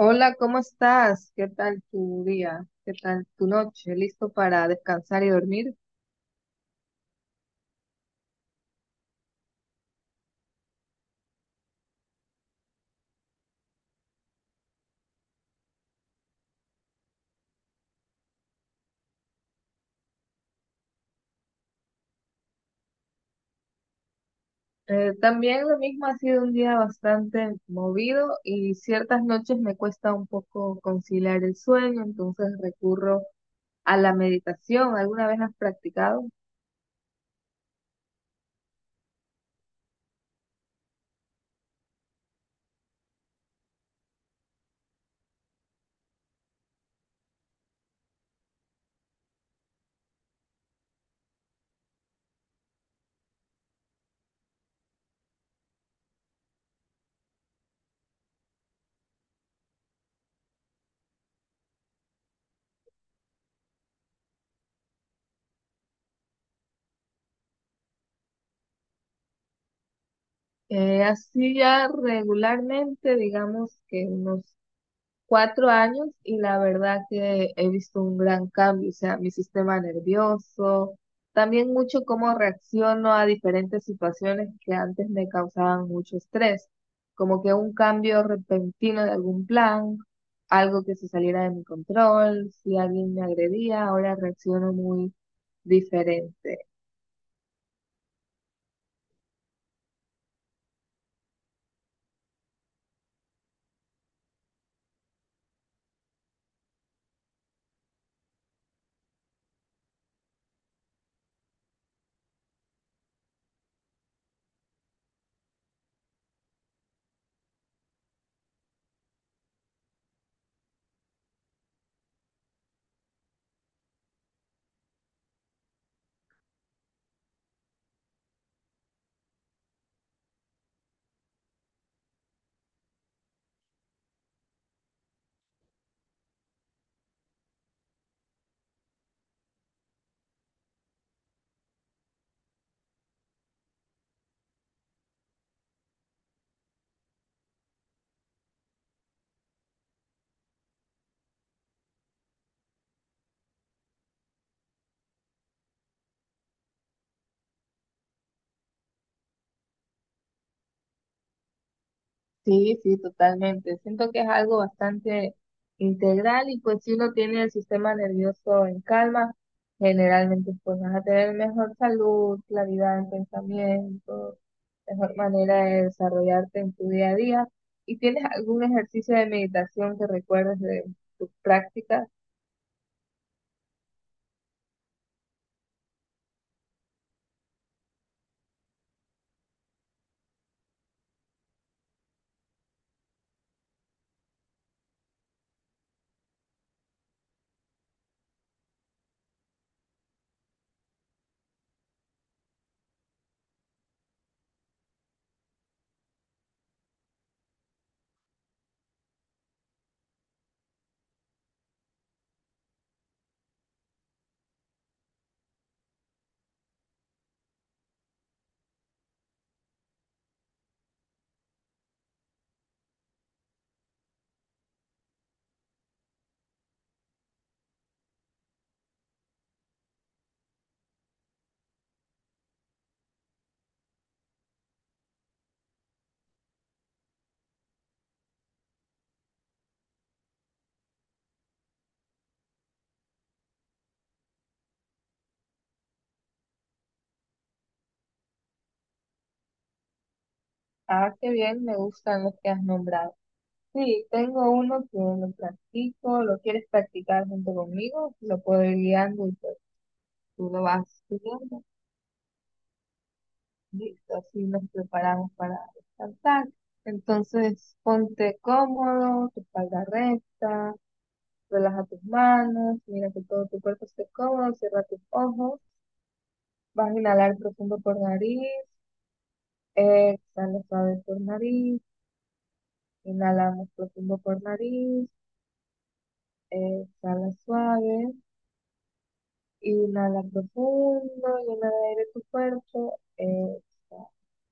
Hola, ¿cómo estás? ¿Qué tal tu día? ¿Qué tal tu noche? ¿Listo para descansar y dormir? También lo mismo, ha sido un día bastante movido y ciertas noches me cuesta un poco conciliar el sueño, entonces recurro a la meditación. ¿Alguna vez has practicado? Así ya regularmente, digamos que unos 4 años, y la verdad que he visto un gran cambio. O sea, mi sistema nervioso, también mucho cómo reacciono a diferentes situaciones que antes me causaban mucho estrés, como que un cambio repentino de algún plan, algo que se saliera de mi control, si alguien me agredía, ahora reacciono muy diferente. Sí, sí, totalmente. Siento que es algo bastante integral, y pues si uno tiene el sistema nervioso en calma, generalmente pues vas a tener mejor salud, claridad en pensamiento, mejor manera de desarrollarte en tu día a día. ¿Y tienes algún ejercicio de meditación que recuerdes de tus prácticas? Ah, qué bien, me gustan los que has nombrado. Sí, tengo uno que lo practico, lo quieres practicar junto conmigo, lo puedo ir guiando y pues tú lo vas siguiendo. Listo, así nos preparamos para descansar. Entonces, ponte cómodo, tu espalda recta, relaja tus manos, mira que todo tu cuerpo esté cómodo, cierra tus ojos, vas a inhalar profundo por nariz, exhala suave por nariz, inhalamos profundo por nariz, exhala suave, inhala profundo, llena de aire tu cuerpo, exhala.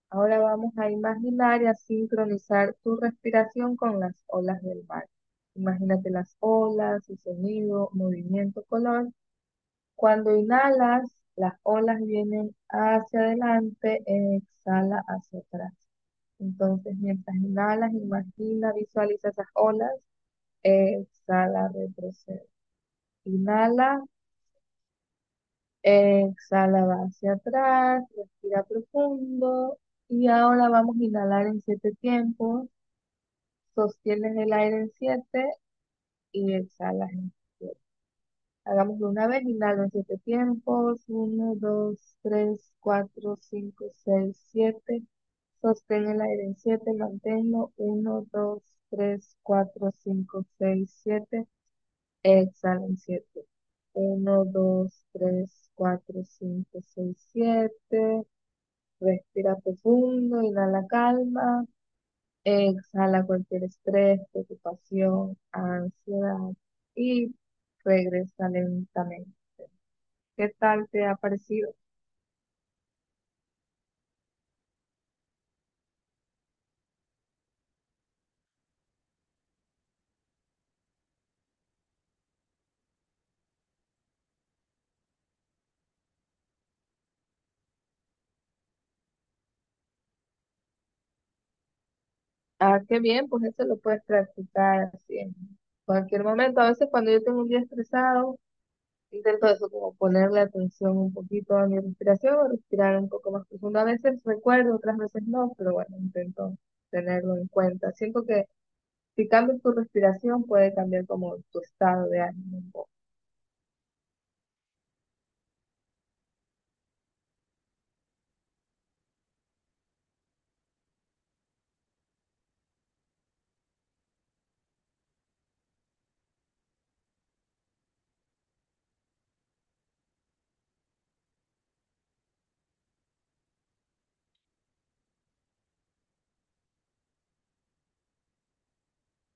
Ahora vamos a imaginar y a sincronizar tu respiración con las olas del mar. Imagínate las olas, su sonido, movimiento, color. Cuando inhalas, las olas vienen hacia adelante, exhala hacia atrás. Entonces, mientras inhalas, imagina, visualiza esas olas, exhala, retrocede. Inhala, exhala, va hacia atrás, respira profundo. Y ahora vamos a inhalar en 7 tiempos. Sostienes el aire en 7 y exhalas en siete. Hagámoslo una vez, inhalo en 7 tiempos: uno, dos, tres, cuatro, cinco, seis, siete. Sostén el aire en siete, manténlo: uno, dos, tres, cuatro, cinco, seis, siete. Exhala en siete: uno, dos, tres, cuatro, cinco, seis, siete. Respira profundo, inhala calma. Exhala cualquier estrés, preocupación, ansiedad, y regresa lentamente. ¿Qué tal te ha parecido? Ah, qué bien, pues eso lo puedes practicar así en cualquier momento. A veces cuando yo tengo un día estresado, intento eso, como ponerle atención un poquito a mi respiración o respirar un poco más profundo. A veces recuerdo, otras veces no, pero bueno, intento tenerlo en cuenta. Siento que si cambias tu respiración puede cambiar como tu estado de ánimo.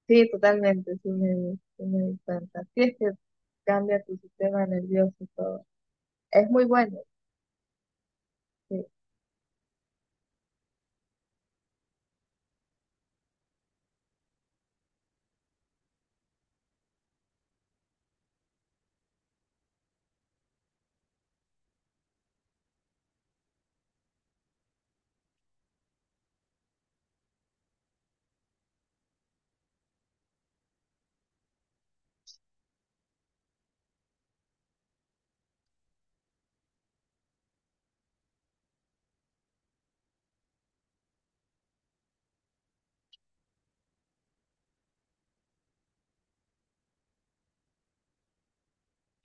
Sí, totalmente, sí me di cuenta. Sí, es que cambia tu sistema nervioso y todo. Es muy bueno, sí,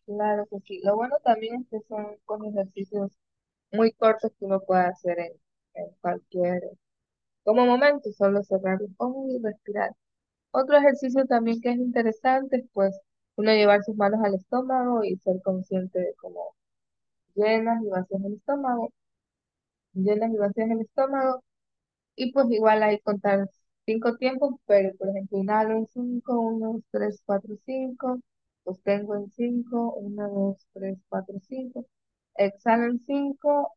claro que sí. Lo bueno también es que son con ejercicios muy cortos que uno puede hacer en cualquier, como momento, solo cerrar los ojos y respirar. Otro ejercicio también que es interesante es pues uno llevar sus manos al estómago y ser consciente de cómo llenas y vacías el estómago, llenas y vacías el estómago. Y pues igual hay que contar 5 tiempos, pero por ejemplo, inhalo en cinco, uno, dos, tres, cuatro, cinco, sostengo en cinco, uno, dos, tres, cuatro, cinco, exhalo en cinco,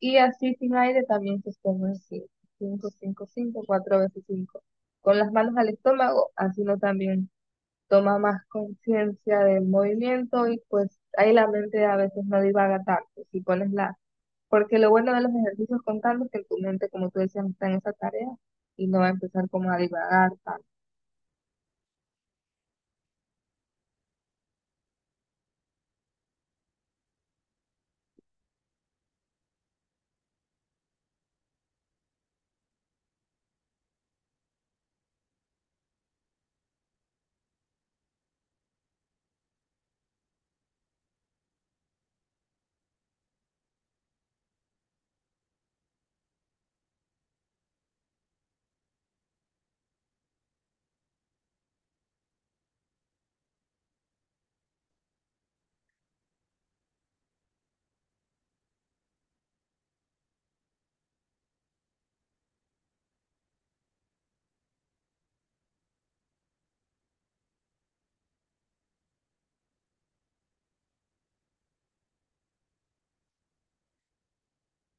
y así sin aire también sostengo en cinco, cinco, cinco, cinco, cuatro veces cinco. Con las manos al estómago, así uno también toma más conciencia del movimiento y pues ahí la mente a veces no divaga tanto. Si pones la, porque lo bueno de los ejercicios contando es que tu mente, como tú decías, está en esa tarea y no va a empezar como a divagar tanto.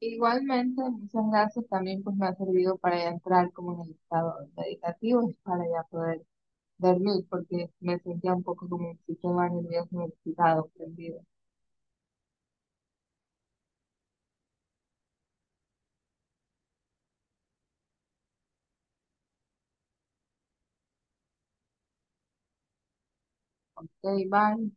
Igualmente, muchas gracias, también pues me ha servido para ya entrar como en el estado meditativo y para ya poder dormir porque me sentía un poco como un sistema nervioso excitado, prendido. Ok, bye.